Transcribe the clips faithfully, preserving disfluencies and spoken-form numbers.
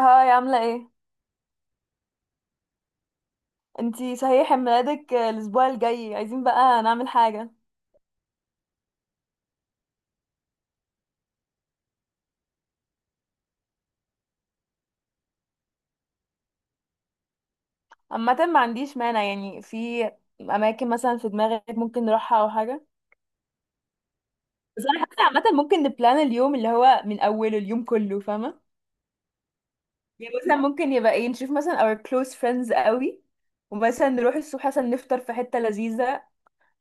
هاي عاملة ايه؟ انتي صحيح عيد ميلادك الأسبوع الجاي، عايزين بقى نعمل حاجة. عامة، ما عنديش مانع. يعني في أماكن مثلا في دماغك ممكن نروحها أو حاجة؟ بس أنا حاسة عامة ممكن نبلان اليوم، اللي هو من أوله اليوم كله، فاهمة؟ يعني مثلا ممكن يبقى ايه، نشوف مثلا our close friends قوي، ومثلا نروح الصبح مثلا نفطر في حتة لذيذة،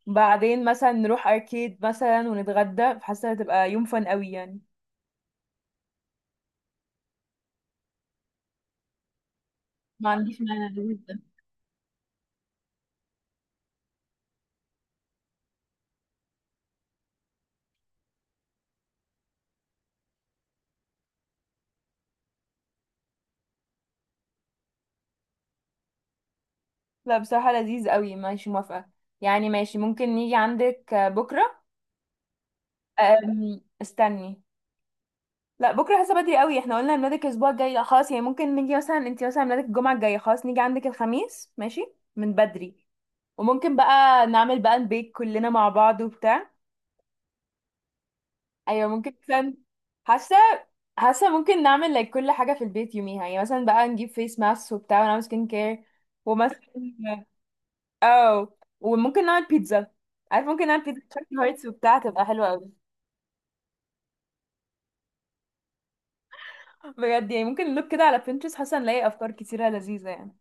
بعدين مثلا نروح أركيد مثلا ونتغدى. حاسة هتبقى يوم فن قوي يعني. ما عنديش مانع. لا بصراحة لذيذ قوي، ماشي موافقة. يعني ماشي، ممكن نيجي عندك آه، بكرة. أم، استني، لا بكرة حاسة بدري قوي. احنا قلنا ميلادك الأسبوع الجاي، لا خلاص يعني ممكن نيجي مثلا، انتي مثلا ميلادك الجمعة الجاية، خلاص نيجي عندك الخميس، ماشي من بدري. وممكن بقى نعمل بقى البيك كلنا مع بعض وبتاع. أيوة، ممكن مثلا. حاسة حاسة ممكن نعمل like كل حاجة في البيت يوميها. يعني مثلا بقى نجيب فيس ماسك وبتاع ونعمل سكين كير ومثلا، اه، وممكن نعمل بيتزا. عارف، ممكن نعمل بيتزا شكل هايتس وبتاع، تبقى حلوة قوي. بجد يعني ممكن نلوك كده على بنترست، حاسه نلاقي افكار كتيره لذيذه يعني.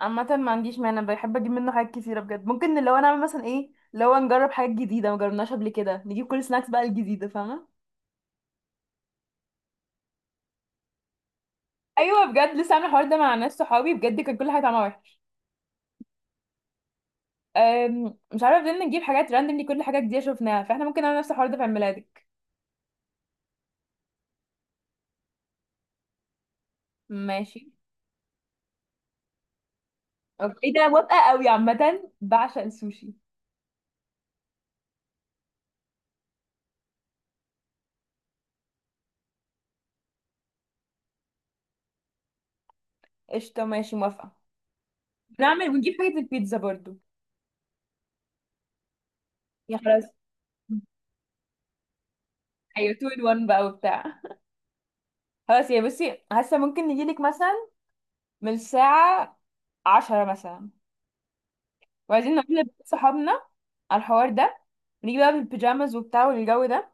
عامة ما عنديش مانع، بحب اجيب منه حاجات كتيرة بجد. ممكن اللي هو نعمل مثلا ايه، لو نجرب حاجات جديدة ما جربناش قبل كده، نجيب كل سناكس بقى الجديدة، فاهمة. ايوه بجد، لسه عامله الحوار ده مع ناس صحابي، بجد كان كل حاجه طعمها وحش. أم، مش عارفه، فضلنا نجيب حاجات راندملي، كل حاجه جديده شفناها. فاحنا ممكن نعمل نفس الحوار ده في عيد ميلادك. ماشي. اوكي إيه ده، موافقة قوي، عامة بعشق السوشي. قشطة ماشي موافقة. نعمل ونجيب حاجة البيتزا برضو. يا خلاص. ايوه two in one بقى وبتاع. خلاص يا بصي، حاسة ممكن نجيلك مثلا من الساعة عشرة مثلا. وعايزين نقول صحابنا على الحوار ده، نيجي بقى بالبيجامز وبتاع والجو ده.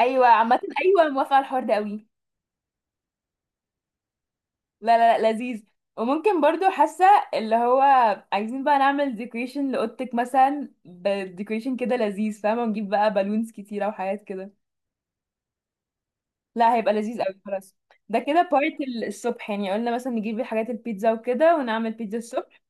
ايوه عامة، ايوه موافقة على الحوار ده قوي. لا، لا، لا، لذيذ. وممكن برضو حاسة اللي هو عايزين بقى نعمل ديكوريشن لأوضتك مثلا، بديكوريشن كده لذيذ فاهمة، ونجيب بقى بالونز كتيرة وحاجات كده. لا هيبقى لذيذ قوي خلاص. ده كده بارت. الصبح، يعني قلنا مثلا نجيب الحاجات البيتزا وكده ونعمل بيتزا الصبح.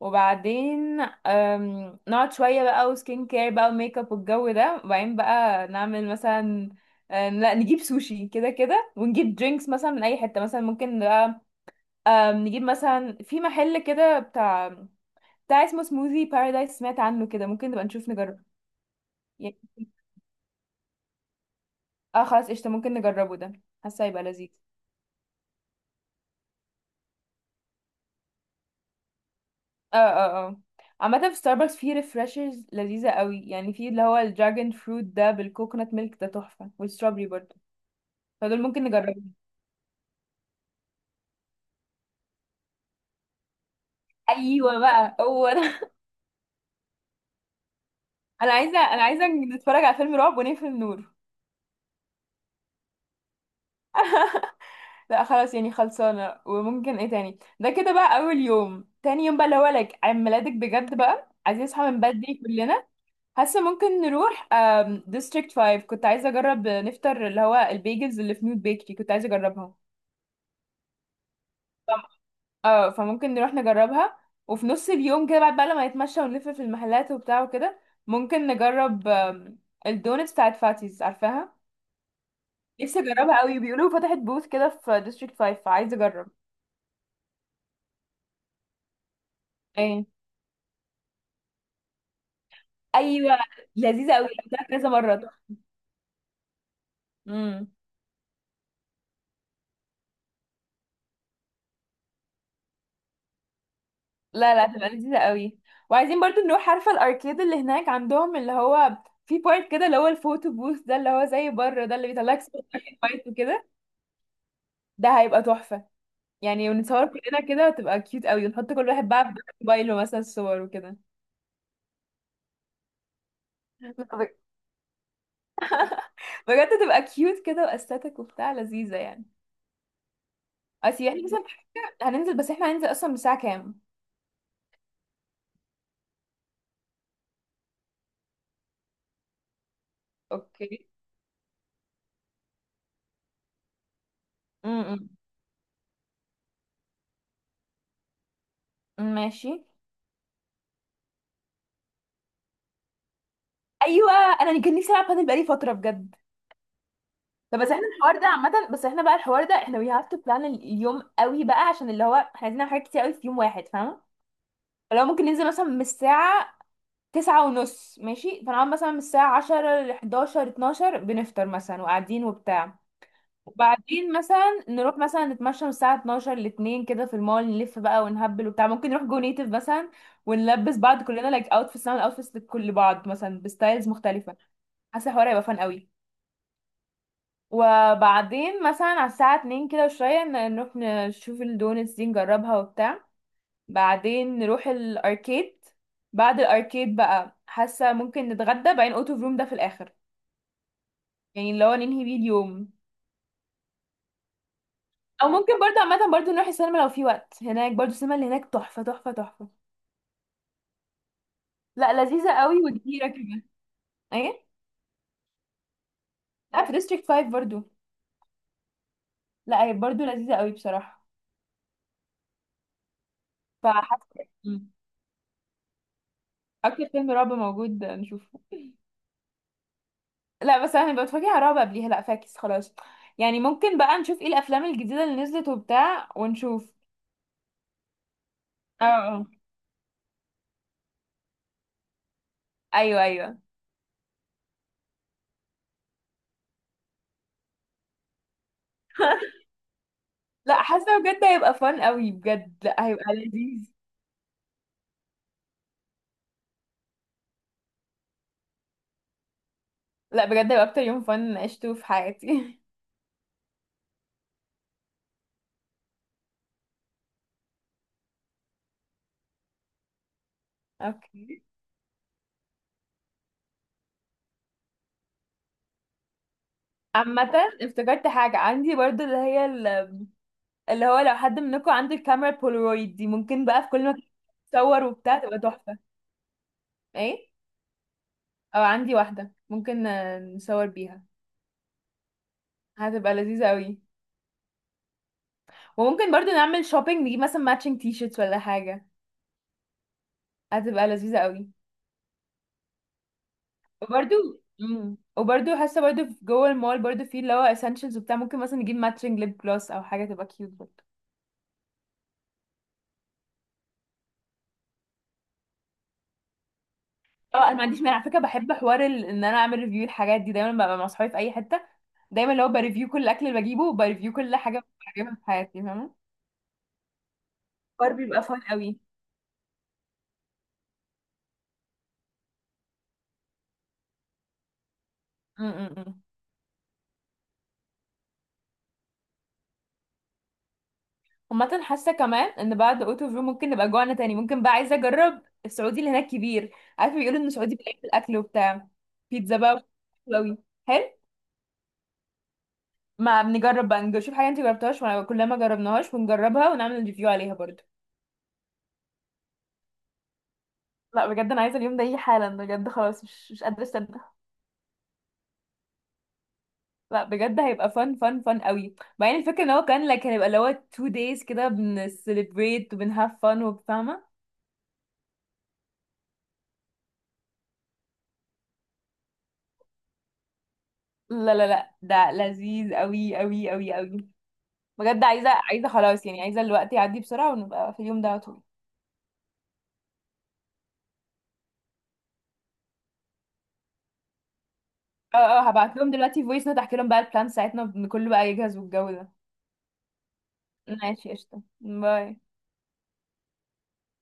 وبعدين أم، نقعد شوية بقى، وسكين كير بقى وميك اب والجو ده، وبعدين بقى نعمل مثلا أم، لا، نجيب سوشي كده كده، ونجيب درينكس مثلا من اي حتة. مثلا ممكن بقى أم، نجيب مثلا في محل كده بتاع بتاع اسمه سموذي بارادايس، سمعت عنه كده، ممكن نبقى نشوف نجربه. يعني اه خلاص قشطة، ممكن نجربه ده. حاسة هيبقى لذيذ. اه اه اه عامة في ستاربكس في ريفرشرز لذيذة قوي، يعني في اللي هو الدراجون فروت ده بالكوكونات ميلك ده تحفة، والستrawberry برضه. فدول ممكن نجربهم. ايوه بقى هو ده. انا عايزة انا عايزة نتفرج على فيلم رعب ونقفل النور. لا خلاص يعني خلصانة. وممكن ايه تاني، ده كده بقى اول يوم. تاني يوم بقى اللي هو لك عيد ميلادك، بجد بقى عايزين نصحى من بدري كلنا. حاسة ممكن نروح ديستريكت فايف، كنت عايزة اجرب نفطر اللي هو البيجلز اللي في نوت بيكري، كنت عايزة اجربها. اه فممكن نروح نجربها. وفي نص اليوم كده، بعد بقى لما نتمشى ونلف في المحلات وبتاع وكده، ممكن نجرب آم، الدونتس بتاعت فاتيز، عارفاها. نفسي اجربها قوي، بيقولوا فتحت بوث كده في ديستريكت فايف، فعايزه اجرب. ايه، ايوه لذيذه قوي، اكلتها كذا مره. امم. لا، لا، هتبقى لذيذه قوي. وعايزين برضو نروح، عارفه الاركيد اللي هناك عندهم اللي هو في بارت كده اللي هو الفوتو بوث ده، اللي هو زي بره ده اللي بيطلعك صور فايت وكده. ده هيبقى تحفه. يعني ونتصور كلنا كده، تبقى كيوت قوي، ونحط كل واحد بقى في موبايله مثلا صور وكده. بجد تبقى كيوت كده واستاتيك وبتاع، لذيذة يعني. اصل احنا مثلا في حاجة هننزل. بس احنا هننزل اصلا الساعة كام؟ اوكي. امم. امم، ماشي. ايوه انا كان نفسي العب بادل بقالي فترة بجد. طب بس احنا الحوار ده عامة، بس احنا بقى الحوار ده احنا وي هاف تو بلان اليوم قوي بقى، عشان اللي هو احنا عايزين نعمل حاجات كتير قوي في يوم واحد، فاهمة. لو ممكن ننزل مثلا من الساعة تسعة ونص، ماشي، فنقعد مثلا من الساعة عشرة لحداشر اتناشر بنفطر مثلا وقاعدين وبتاع. وبعدين مثلا نروح مثلا نتمشى من الساعة اتناشر لاتنين كده في المول، نلف بقى ونهبل وبتاع، ممكن نروح جو نيتف مثلا. ونلبس بعض كلنا لايك اوتفيتس، نعمل اوتفيتس لكل بعض مثلا بستايلز مختلفة. حاسة الحوار هيبقى فان قوي. وبعدين مثلا على الساعة اتنين كده وشوية، ن- نروح نشوف الدونتس دي نجربها وبتاع. بعدين نروح الاركيد. بعد الاركيد بقى، حاسه ممكن نتغدى، بعدين اوت اوف روم ده في الاخر. يعني اللي هو ننهي بيه اليوم. او ممكن برضه، عامه برضه نروح السينما لو في وقت، هناك برضه السينما اللي هناك تحفه، تحفه، تحفه. لا لذيذه قوي وكبيره كمان. ايه؟ لا في ديستريكت فايف برضه. لا هي برضه لذيذه قوي بصراحه. فحاسه مم. اكتر فيلم رعب موجود نشوفه. لا بس انا ببقى بتفرج على رعب قبليها، لا فاكس خلاص. يعني ممكن بقى نشوف ايه الافلام الجديده اللي نزلت وبتاع ونشوف. اه آه. ايوه، ايوه. لا حاسه بجد هيبقى فن قوي بجد، لا هيبقى لذيذ. لا بجد هيبقى اكتر يوم فن عشته في حياتي. اوكي. عامة افتكرت حاجة عندي برضو اللي هي ال- اللي هو لو حد منكم عنده الكاميرا البولارويد دي، ممكن بقى في كل مكان تصور وبتاع، تبقى تحفة. ايه؟ او عندي واحدة، ممكن آه، نصور بيها. هتبقى لذيذة قوي. وممكن برضو نعمل شوبينج، نجيب مثلا ماتشنج تي شيرتس ولا حاجة، هتبقى لذيذة قوي. وبرده مم. وبرده حاسه برده في جوه المول برده، في اللي هو اسينشلز وبتاع، ممكن مثلا نجيب ماتشنج ليب جلوس او حاجه، تبقى كيوت برده. اه، انا ما عنديش مانع على فكره. بحب حوار ال- ان انا اعمل ريفيو الحاجات دي، دايما ببقى مع اصحابي في اي حته دايما اللي هو بريفيو كل الاكل اللي بجيبه، وبريفيو كل حاجه بجيبها في حياتي، فاهمه. حوار بيبقى فun قوي. امم. عامة حاسة كمان ان بعد اوتو فيو ممكن نبقى جوعنا تاني. ممكن بقى عايزة اجرب السعودي اللي هناك كبير، عارفة بيقولوا ان السعودي بيلاقي في الاكل وبتاع. بيتزا بقى، حلو قوي، حلو. ما بنجرب بقى، نشوف حاجه انت جربتهاش وانا كلنا ما جربناهاش ونجربها ونعمل ريفيو عليها برضو. لا بجد، انا عايزه اليوم ده يجي حالا، بجد خلاص مش مش قادره استنى. لا بجد هيبقى فن، فن، فن قوي. بعدين الفكره ان هو كان لك، هيبقى اللي هو تو دايز كده بنسليبريت وبنهاف فن وبفاهمه. لا، لا، لا، ده لذيذ قوي، قوي، قوي، قوي. بجد عايزه عايزه خلاص، يعني عايزه الوقت يعدي بسرعه ونبقى في اليوم ده على طول. اه، اه، هبعت لهم دلوقتي فويس نوت، احكي لهم بقى البلان بتاعتنا كله بقى يجهز والجو ده. ماشي قشطه، باي.